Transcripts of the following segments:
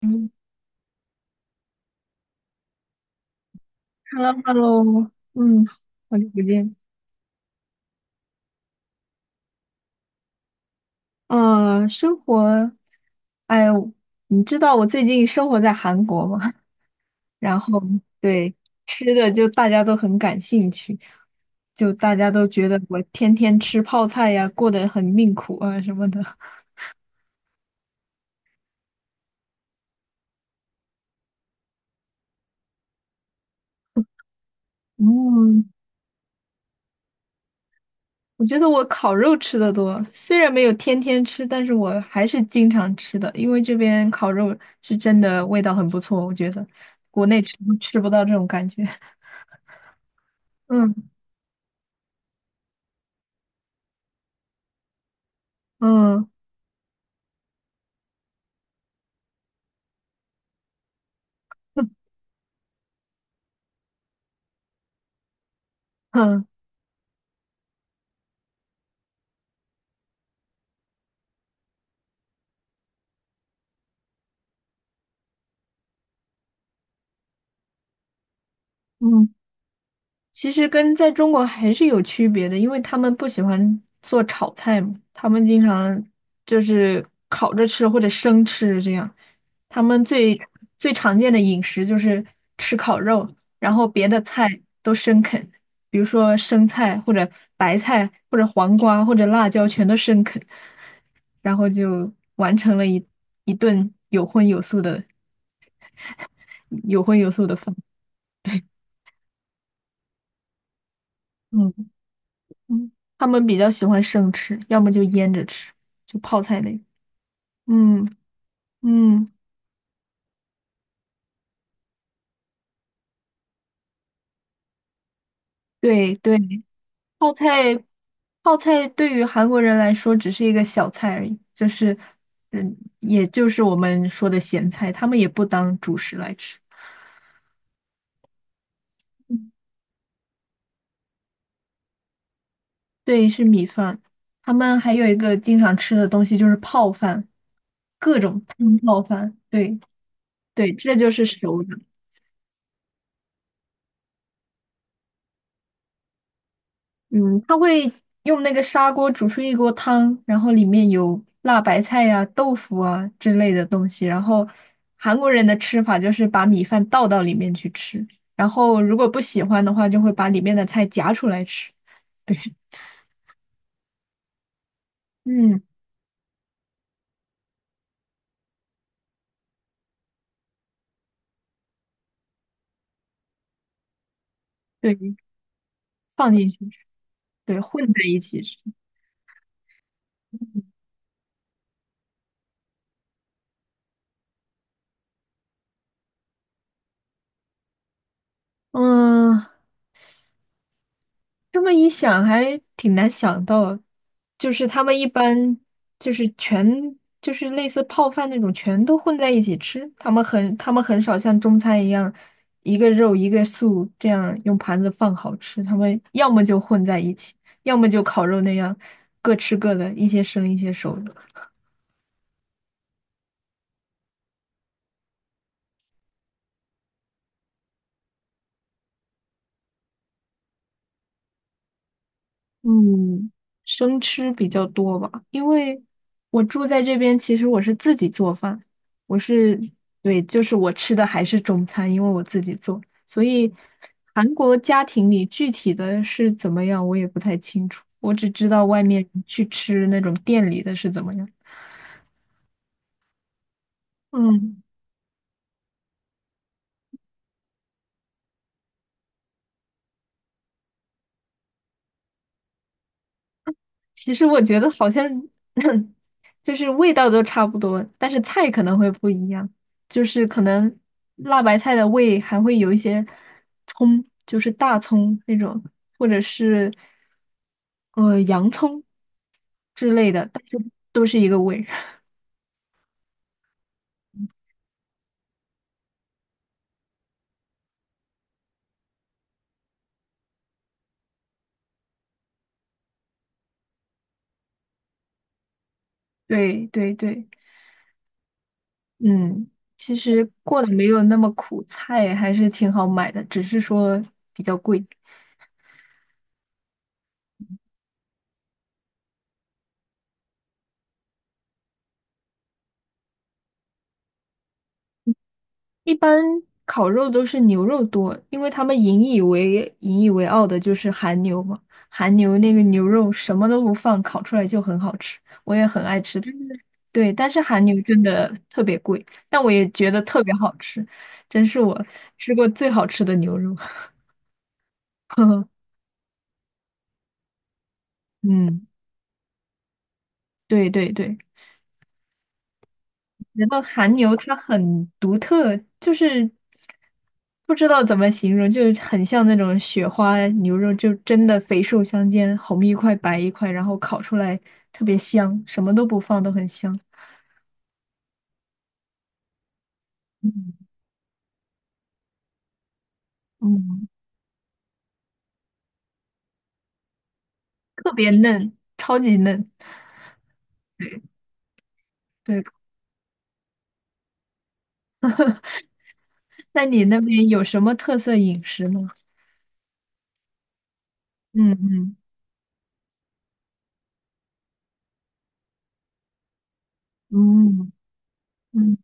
嗯，Hello，Hello，嗯，好久不见。啊，生活，哎呦，你知道我最近生活在韩国吗？然后对吃的就大家都很感兴趣，就大家都觉得我天天吃泡菜呀，过得很命苦啊什么的。嗯，我觉得我烤肉吃的多，虽然没有天天吃，但是我还是经常吃的，因为这边烤肉是真的味道很不错，我觉得国内吃不到这种感觉。嗯嗯嗯嗯，其实跟在中国还是有区别的，因为他们不喜欢做炒菜嘛，他们经常就是烤着吃或者生吃这样。他们最常见的饮食就是吃烤肉，然后别的菜都生啃，比如说生菜或者白菜或者黄瓜或者辣椒全都生啃，然后就完成了一顿有荤有素的饭。嗯。嗯，他们比较喜欢生吃，要么就腌着吃，就泡菜类。嗯嗯，对对，泡菜泡菜对于韩国人来说只是一个小菜而已，就是也就是我们说的咸菜，他们也不当主食来吃。嗯对，是米饭。他们还有一个经常吃的东西就是泡饭，嗯，泡饭。对对，这就是熟的。嗯，他会用那个砂锅煮出一锅汤，然后里面有辣白菜呀、豆腐啊之类的东西。然后韩国人的吃法就是把米饭倒到里面去吃，然后如果不喜欢的话，就会把里面的菜夹出来吃。对，嗯，对，放进去吃，对，混在一起吃。嗯，这么一想，还挺难想到，就是他们一般就是全就是类似泡饭那种，全都混在一起吃。他们很少像中餐一样，一个肉一个素这样用盘子放好吃。他们要么就混在一起，要么就烤肉那样各吃各的，一些生一些熟的。嗯，生吃比较多吧，因为我住在这边，其实我是自己做饭，我是，对，就是我吃的还是中餐，因为我自己做，所以韩国家庭里具体的是怎么样，我也不太清楚，我只知道外面去吃那种店里的是怎么样。嗯，其实我觉得好像 就是味道都差不多，但是菜可能会不一样，就是可能辣白菜的味还会有一些葱，就是大葱那种，或者是洋葱之类的，但是都是一个味。对对对，嗯，其实过得没有那么苦，菜还是挺好买的，只是说比较贵。一般烤肉都是牛肉多，因为他们引以为傲的就是韩牛嘛。韩牛那个牛肉什么都不放，烤出来就很好吃，我也很爱吃。但是，对，但是韩牛真的特别贵，但我也觉得特别好吃，真是我吃过最好吃的牛肉。嗯，对对对，觉得韩牛它很独特，就是不知道怎么形容，就很像那种雪花牛肉，就真的肥瘦相间，红一块白一块，然后烤出来特别香，什么都不放都很香。嗯嗯，特别嫩，超级嫩。对，那你那边有什么特色饮食呢？嗯嗯嗯嗯，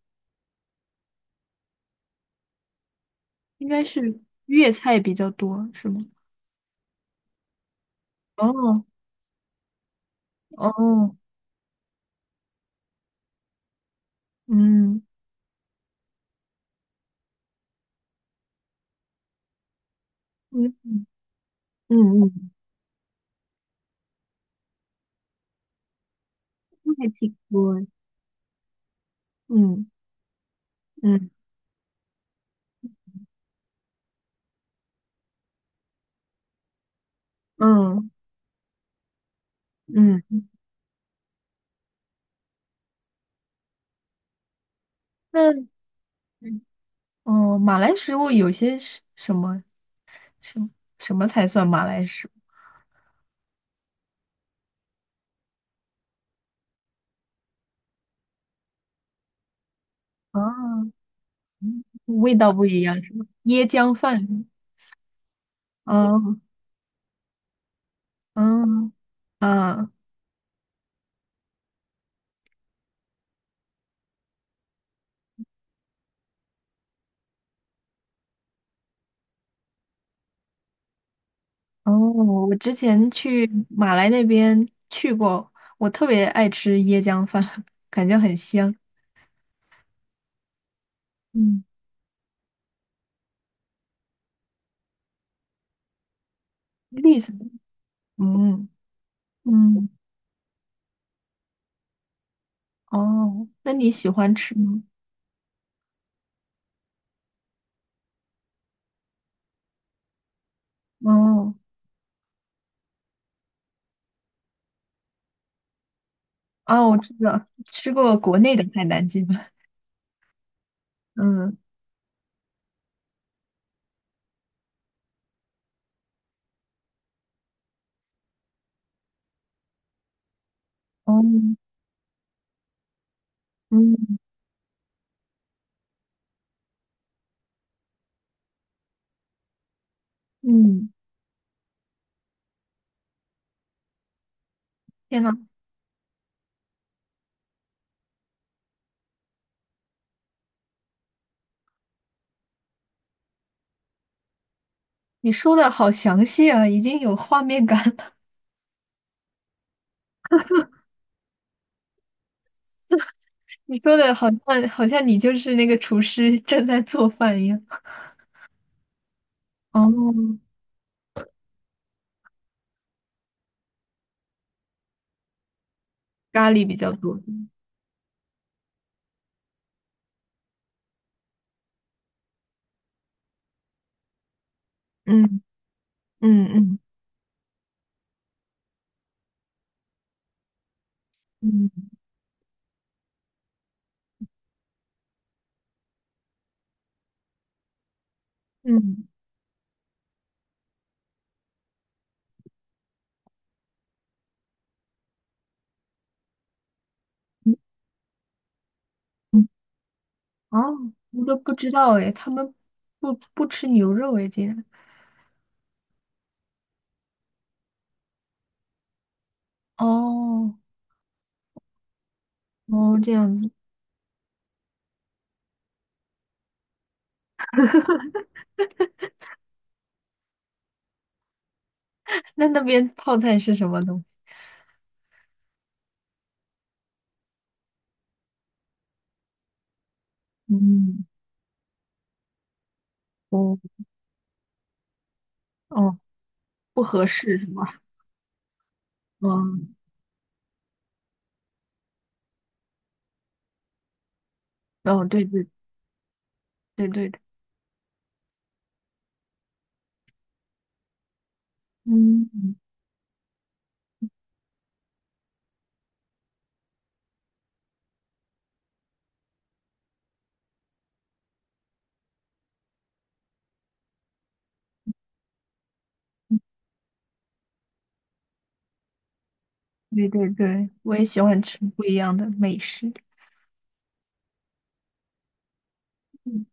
应该是粤菜比较多，是吗？哦哦，嗯嗯嗯嗯，嗯，那还挺多嗯嗯嗯嗯，那嗯哦，马来食物有些是什么什么才算马来食物啊？嗯味道不一样是吗？椰浆饭，嗯嗯啊哦，我之前去马来那边去过，我特别爱吃椰浆饭，感觉很香。嗯，绿色的，嗯嗯哦，那你喜欢吃吗？哦。啊，我知道，吃过国内的海南鸡饭。嗯，哦，嗯嗯，天呐，你说的好详细啊，已经有画面感了 你说的好像你就是那个厨师正在做饭一样。哦，咖喱比较多。嗯嗯嗯嗯嗯嗯，哦，我都不知道诶，他们不吃牛肉诶，竟然。哦哦，这样子。那那边泡菜是什么东西？嗯，哦哦。不合适是吗？嗯，哦，对对对对对，嗯，对对对，我也喜欢吃不一样的美食。嗯，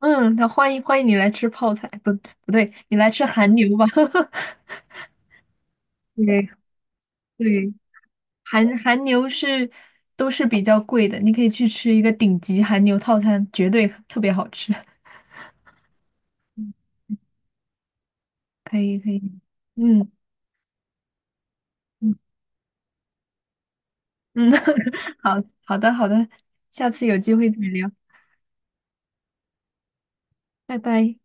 嗯那欢迎欢迎你来吃泡菜，不不对，你来吃韩牛吧。对对，韩牛都是比较贵的，你可以去吃一个顶级韩牛套餐，绝对特别好吃。可以可以，嗯嗯嗯，好好的好的，下次有机会再聊，拜拜。